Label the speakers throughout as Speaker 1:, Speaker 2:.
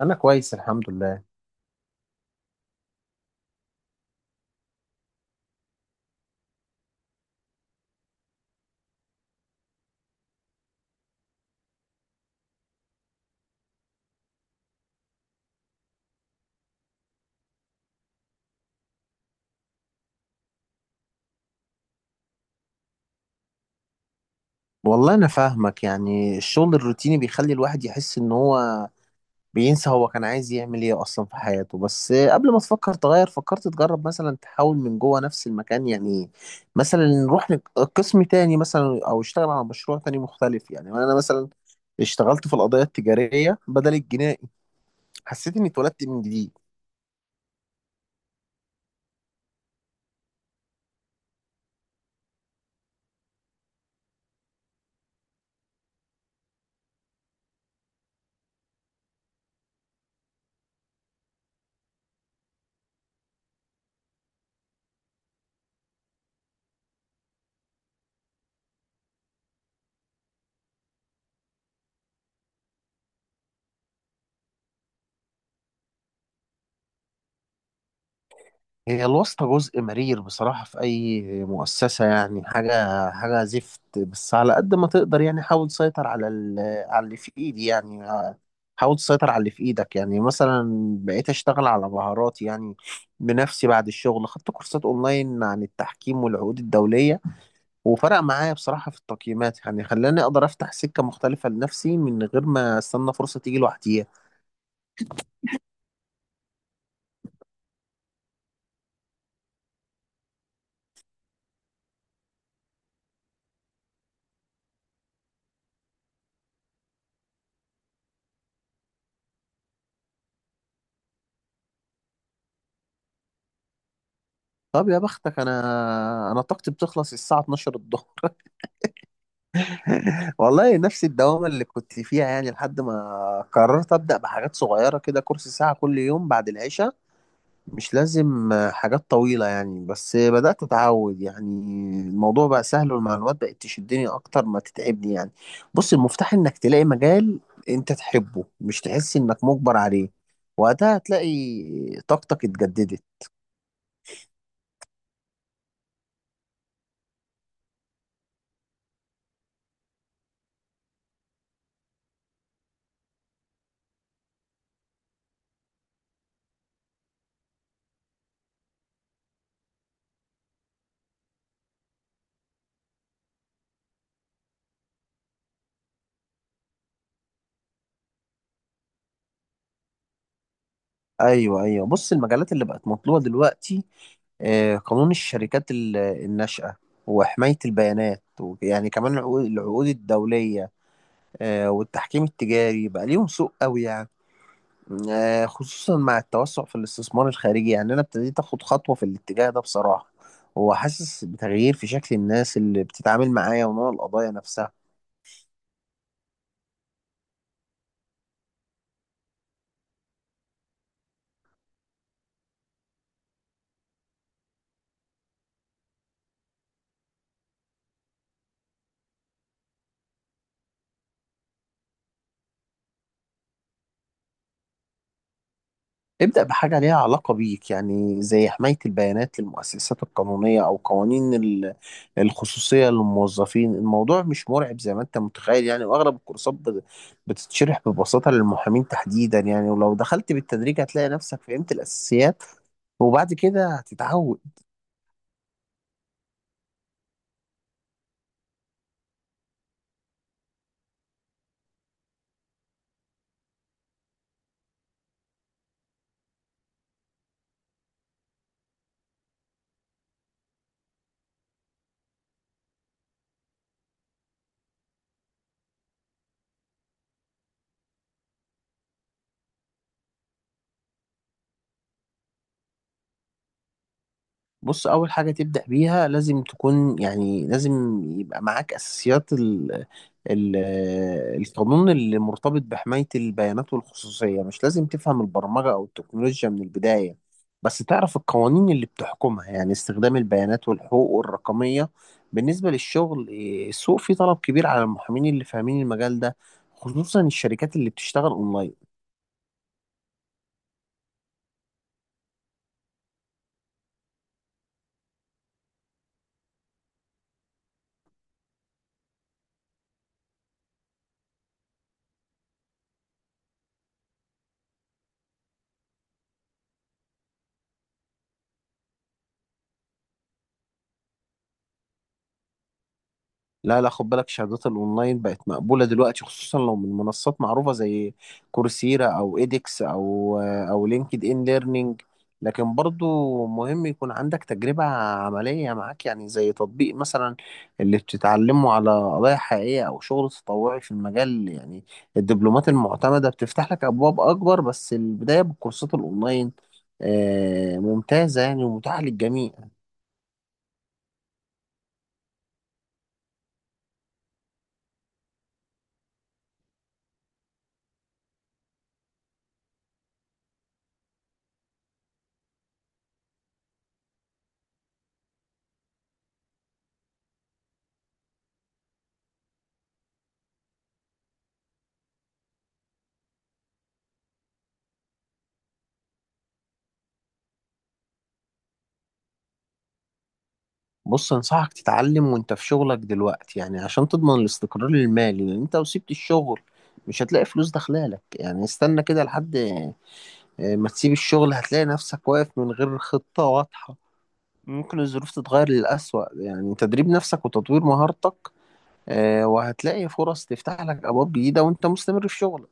Speaker 1: انا كويس الحمد لله. والله انا فاهمك، يعني الشغل الروتيني بيخلي الواحد يحس ان هو بينسى هو كان عايز يعمل ايه اصلا في حياته. بس قبل ما تفكر تغير، فكرت تجرب مثلا تحاول من جوه نفس المكان يعني. مثلا نروح قسم تاني مثلا او اشتغل على مشروع تاني مختلف يعني. انا مثلا اشتغلت في القضايا التجارية بدل الجنائي، حسيت اني اتولدت من جديد. هي الواسطة جزء مرير بصراحة في أي مؤسسة، يعني حاجة زفت. بس على قد ما تقدر يعني حاول تسيطر على على اللي في إيدي يعني، حاول تسيطر على اللي في إيدك يعني. مثلا بقيت أشتغل على مهاراتي يعني بنفسي بعد الشغل، خدت كورسات أونلاين عن التحكيم والعقود الدولية، وفرق معايا بصراحة في التقييمات يعني. خلاني أقدر أفتح سكة مختلفة لنفسي من غير ما أستنى فرصة تيجي لوحديها. طب يا بختك، أنا طاقتي بتخلص الساعة 12 الظهر. والله نفس الدوامة اللي كنت فيها يعني، لحد ما قررت أبدأ بحاجات صغيرة كده، كورس ساعة كل يوم بعد العشاء. مش لازم حاجات طويلة يعني، بس بدأت أتعود يعني. الموضوع بقى سهل والمعلومات بقت تشدني أكتر ما تتعبني يعني. بص، المفتاح إنك تلاقي مجال أنت تحبه، مش تحس إنك مجبر عليه. وقتها هتلاقي طاقتك اتجددت. ايوه ايوه، بص المجالات اللي بقت مطلوبه دلوقتي، قانون الشركات الناشئه، وحمايه البيانات، ويعني كمان العقود الدوليه، والتحكيم التجاري بقى ليهم سوق قوي يعني. خصوصا مع التوسع في الاستثمار الخارجي. يعني انا ابتديت اخد خطوه في الاتجاه ده بصراحه، وحاسس بتغيير في شكل الناس اللي بتتعامل معايا ونوع القضايا نفسها. ابدأ بحاجة ليها علاقة بيك، يعني زي حماية البيانات للمؤسسات القانونية أو قوانين الخصوصية للموظفين. الموضوع مش مرعب زي ما أنت متخيل يعني، وأغلب الكورسات بتتشرح ببساطة للمحامين تحديدا يعني، ولو دخلت بالتدريج هتلاقي نفسك فهمت الأساسيات وبعد كده هتتعود. بص، أول حاجة تبدأ بيها لازم تكون، يعني لازم يبقى معاك أساسيات ال- القانون اللي مرتبط بحماية البيانات والخصوصية. مش لازم تفهم البرمجة أو التكنولوجيا من البداية، بس تعرف القوانين اللي بتحكمها يعني استخدام البيانات والحقوق الرقمية. بالنسبة للشغل السوق فيه طلب كبير على المحامين اللي فاهمين المجال ده، خصوصا الشركات اللي بتشتغل أونلاين. لا لا، خد بالك، شهادات الاونلاين بقت مقبوله دلوقتي، خصوصا لو من منصات معروفه زي كورسيرا او ايدكس او لينكد ان ليرنينج. لكن برضو مهم يكون عندك تجربه عمليه معاك، يعني زي تطبيق مثلا اللي بتتعلمه على قضايا حقيقيه، او شغل تطوعي في المجال يعني. الدبلومات المعتمده بتفتح لك ابواب اكبر، بس البدايه بالكورسات الاونلاين ممتازه يعني، ومتاحه للجميع. بص، انصحك تتعلم وانت في شغلك دلوقتي، يعني عشان تضمن الاستقرار المالي. لان انت لو سبت الشغل مش هتلاقي فلوس داخلالك يعني. استنى كده لحد، ما تسيب الشغل هتلاقي نفسك واقف من غير خطة واضحة، ممكن الظروف تتغير للأسوأ يعني. تدريب نفسك وتطوير مهارتك، وهتلاقي فرص تفتح لك أبواب جديدة وانت مستمر في شغلك.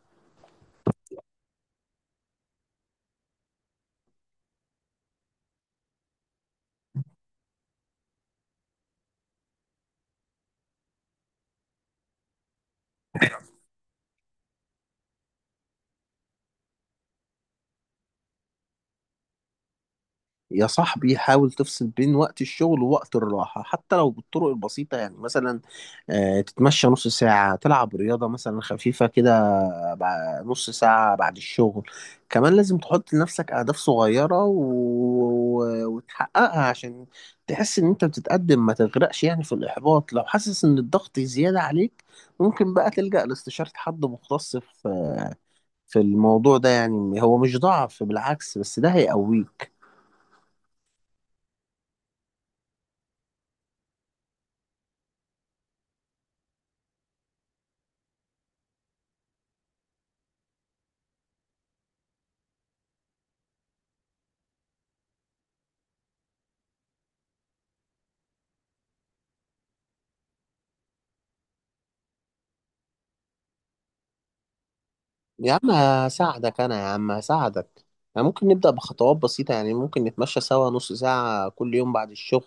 Speaker 1: يا صاحبي، حاول تفصل بين وقت الشغل ووقت الراحة، حتى لو بالطرق البسيطة يعني. مثلا تتمشى نص ساعة، تلعب رياضة مثلا خفيفة كده نص ساعة بعد الشغل. كمان لازم تحط لنفسك أهداف صغيرة وتحققها، عشان تحس إن أنت بتتقدم، ما تغرقش يعني في الإحباط. لو حاسس إن الضغط زيادة عليك، ممكن بقى تلجأ لاستشارة حد مختص في الموضوع ده يعني. هو مش ضعف، بالعكس، بس ده هيقويك. يا عم هساعدك، أنا يا عم هساعدك. يعني ممكن نبدأ بخطوات بسيطة، يعني ممكن نتمشى سوا نص ساعة كل يوم بعد الشغل،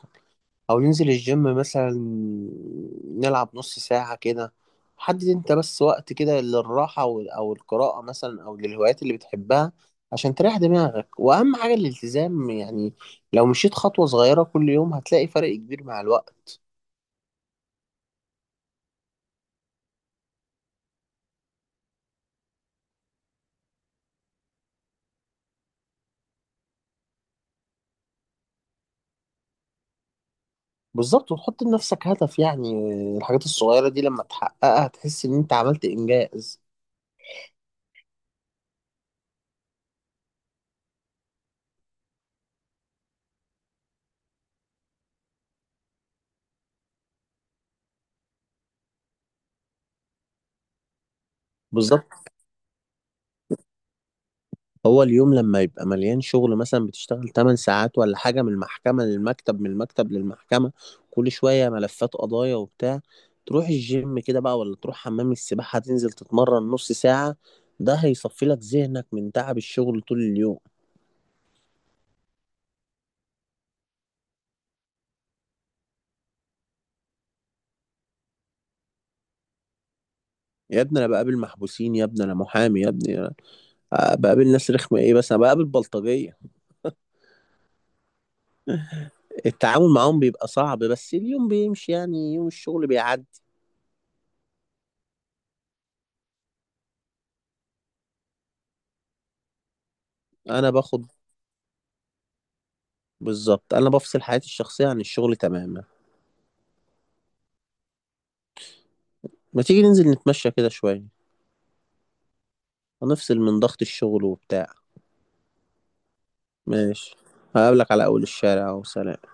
Speaker 1: او ننزل الجيم مثلا نلعب نص ساعة كده. حدد انت بس وقت كده للراحة أو القراءة مثلا، او للهوايات اللي بتحبها، عشان تريح دماغك. واهم حاجة الالتزام يعني. لو مشيت خطوة صغيرة كل يوم، هتلاقي فرق كبير مع الوقت. بالظبط، وتحط لنفسك هدف يعني. الحاجات الصغيرة دي لما تحققها هتحس ان انت عملت انجاز. بالظبط. هو اليوم لما يبقى مليان شغل، مثلا بتشتغل 8 ساعات ولا حاجة، من المحكمة للمكتب، من المكتب للمحكمة، كل شوية ملفات قضايا وبتاع. تروح الجيم كده بقى، ولا تروح حمام السباحة تنزل تتمرن نص ساعة، ده هيصفي لك ذهنك من تعب الشغل طول اليوم. يا ابني انا بقابل محبوسين، يا ابني انا محامي، يا ابني أنا بقابل ناس رخمة ايه، بس انا بقابل بلطجية. التعامل معاهم بيبقى صعب، بس اليوم بيمشي يعني، يوم الشغل بيعدي. انا باخد، بالظبط، انا بفصل حياتي الشخصية عن الشغل تماما. ما تيجي ننزل نتمشى كده شوية، ونفصل من ضغط الشغل وبتاع. ماشي. هقابلك على أول الشارع، وسلام.